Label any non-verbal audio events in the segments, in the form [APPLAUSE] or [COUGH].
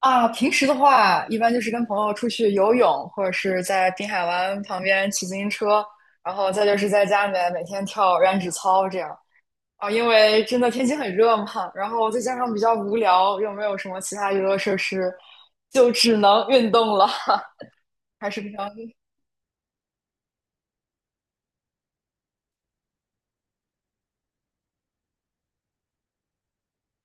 啊，平时的话，一般就是跟朋友出去游泳，或者是在滨海湾旁边骑自行车，然后再就是在家里面每天跳燃脂操这样。啊，因为真的天气很热嘛，然后再加上比较无聊，又没有什么其他娱乐设施，就只能运动了，[LAUGHS] 还是非常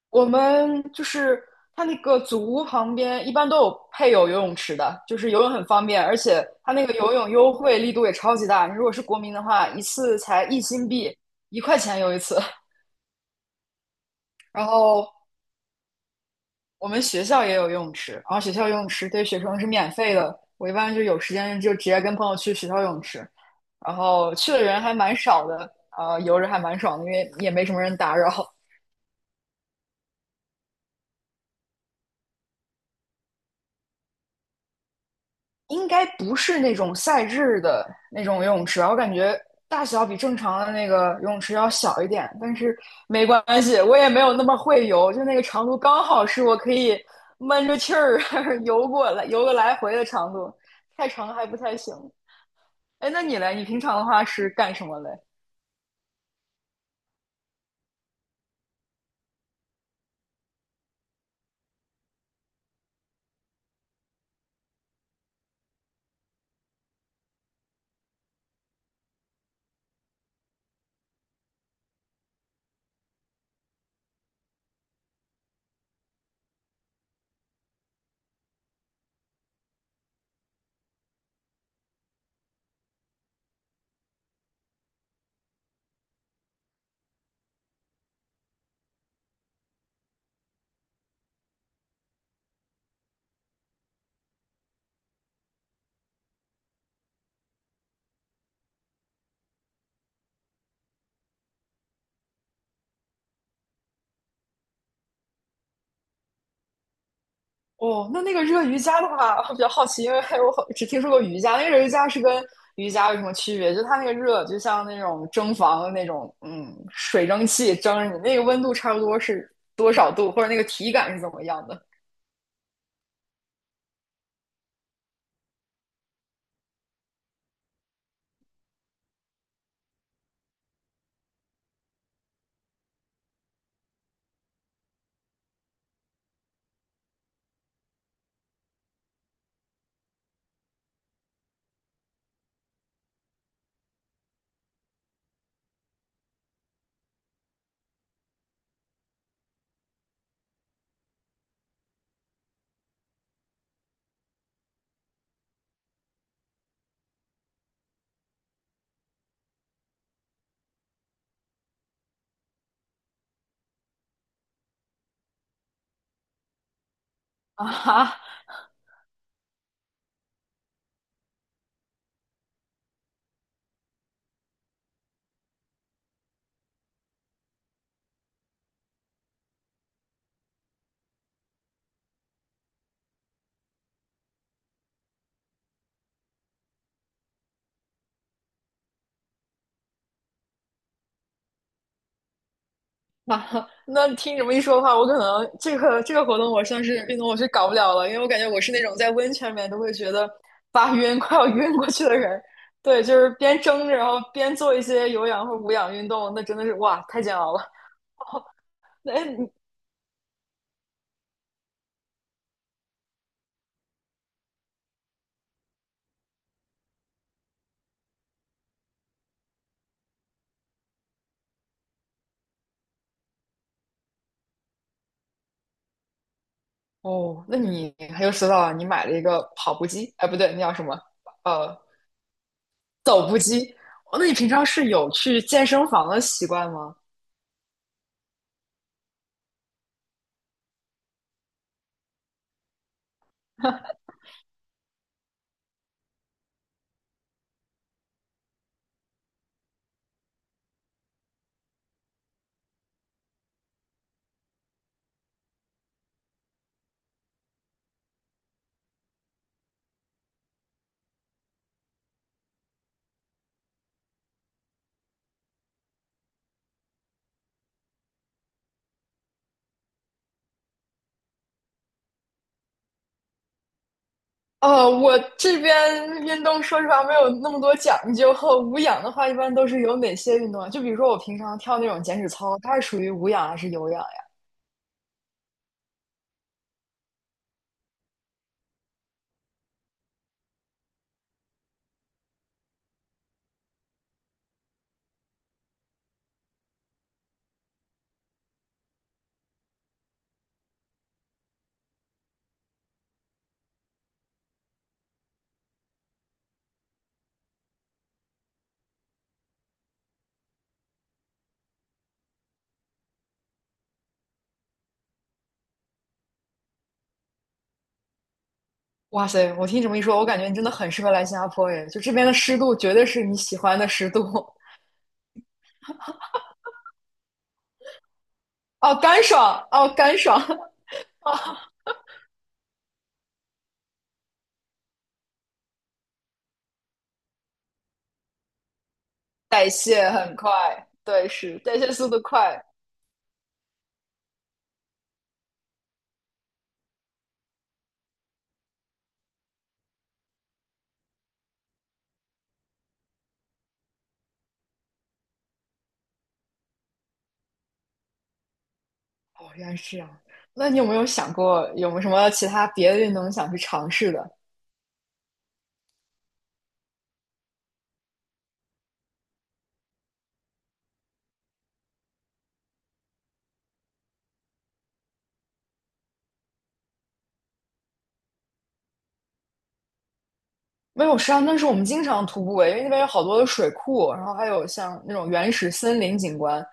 我们就是它那个祖屋旁边一般都有配有游泳池的，就是游泳很方便，而且它那个游泳优惠力度也超级大。你如果是国民的话，一次才1新币，1块钱游一次。然后我们学校也有游泳池，然后学校游泳池对学生是免费的。我一般就有时间就直接跟朋友去学校游泳池，然后去的人还蛮少的，游着还蛮爽的，因为也没什么人打扰。应该不是那种赛制的那种游泳池吧？我感觉大小比正常的那个游泳池要小一点，但是没关系，我也没有那么会游，就那个长度刚好是我可以闷着气儿 [LAUGHS] 游过来、游个来回的长度，太长还不太行。哎，那你嘞？你平常的话是干什么嘞？哦，那那个热瑜伽的话，我比较好奇，因为我好只听说过瑜伽，那个热瑜伽是跟瑜伽有什么区别？就它那个热，就像那种蒸房的那种，嗯，水蒸气蒸着你，那个温度差不多是多少度，或者那个体感是怎么样的？[LAUGHS] 啊哈，啊，那听你这么一说的话，我可能这个活动我算是运动我是搞不了了，因为我感觉我是那种在温泉里面都会觉得发晕，[LAUGHS] 快要晕过去的人。对，就是边蒸着，然后边做一些有氧或无氧运动，那真的是哇，太煎熬了。那你哦，那你很有思道啊！你买了一个跑步机，哎，不对，那叫什么？呃，走步机。哦那你平常是有去健身房的习惯吗？我这边运动说实话没有那么多讲究，和无氧的话一般都是有哪些运动啊？就比如说我平常跳那种减脂操，它是属于无氧还是有氧呀？哇塞，我听你这么一说，我感觉你真的很适合来新加坡耶！就这边的湿度绝对是你喜欢的湿度。[LAUGHS] 哦，干爽，哦，干爽。代谢很快，对，是代谢速度快。哦，原来是这样。那你有没有想过，有没有什么其他别的运动想去尝试的？没有，实际上那是我们经常徒步诶因为那边有好多的水库，然后还有像那种原始森林景观，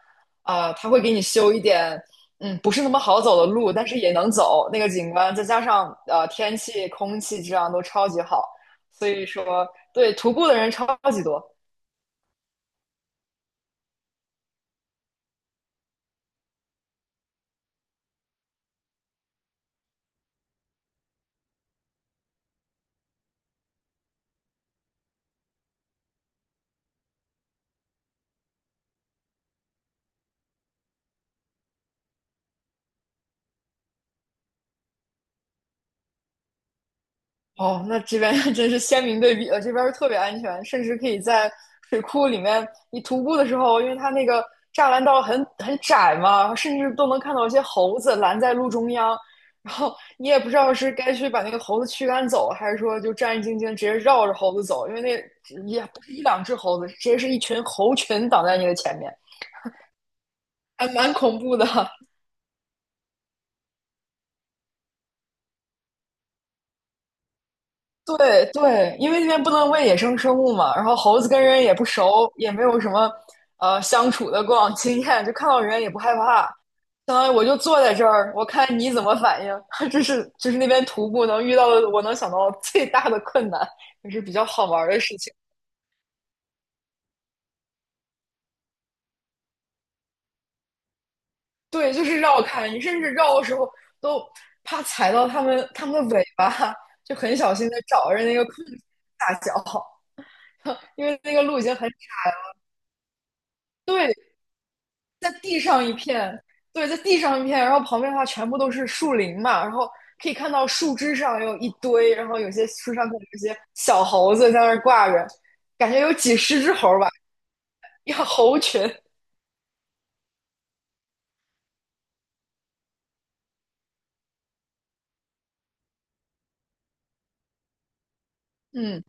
啊、它会给你修一点，不是那么好走的路，但是也能走那个景观，再加上天气、空气质量都超级好，所以说对徒步的人超级多。哦，那这边 [LAUGHS] 真是鲜明对比了，这边儿特别安全，甚至可以在水库里面，你徒步的时候，因为它那个栅栏道很窄嘛，甚至都能看到一些猴子拦在路中央，然后你也不知道是该去把那个猴子驱赶走，还是说就战战兢兢直接绕着猴子走，因为那也不是一两只猴子，直接是一群猴群挡在你的前面，还蛮恐怖的。[LAUGHS] 对对，因为那边不能喂野生生物嘛，然后猴子跟人也不熟，也没有什么相处的过往经验，就看到人也不害怕，相当于我就坐在这儿，我看你怎么反应。[LAUGHS] 就是那边徒步能遇到的，我能想到最大的困难，也是比较好玩儿的事情。对，就是绕开，你甚至绕的时候都怕踩到它们的尾巴，就很小心的找着那个空隙下脚，[LAUGHS] 因为那个路已经很。对。在地上一片，对，在地上一片，然后旁边的话全部都是树林嘛，然后可以看到树枝上有一堆，然后有些树上可能有些小猴子在那儿挂着，感觉有几十只猴吧，一个猴群 [LAUGHS]，嗯，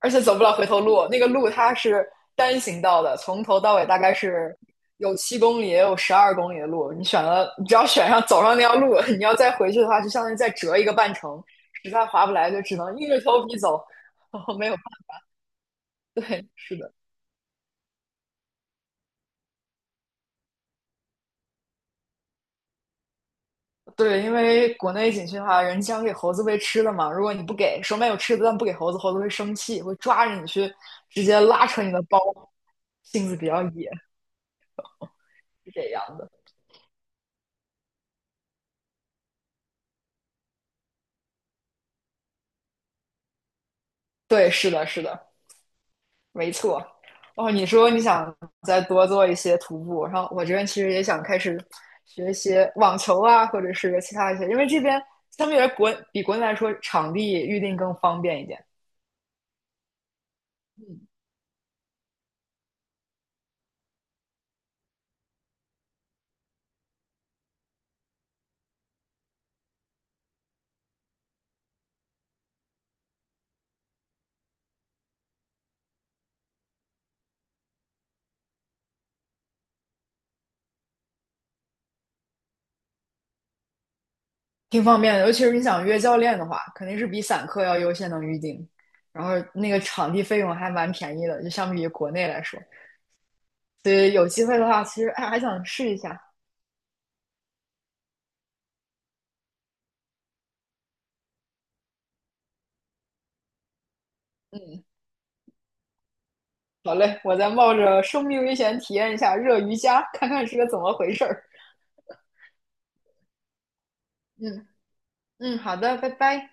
而且走不了回头路，那个路它是单行道的，从头到尾大概是有7公里，也有12公里的路，你选了，你只要选上走上那条路，[LAUGHS] 你要再回去的话，就相当于再折一个半程，实在划不来就只能硬着头皮走，[LAUGHS] 然没有，对，是的。对，因为国内景区的话，人家常给猴子喂吃的嘛。如果你不给，手里面有吃的，但不给猴子，猴子会生气，会抓着你去，直接拉扯你的包。性子比较野，是这样的。对，是的，是的，没错。哦，你说你想再多做一些徒步，然后我这边其实也想开始学一些网球啊，或者是其他一些，因为这边相对于比国内来说，场地预定更方便一点。挺方便的，尤其是你想约教练的话，肯定是比散客要优先能预定，然后那个场地费用还蛮便宜的，就相比于国内来说。所以有机会的话，其实哎还想试一下。好嘞，我再冒着生命危险体验一下热瑜伽，看看是个怎么回事儿。嗯嗯，好的，拜拜。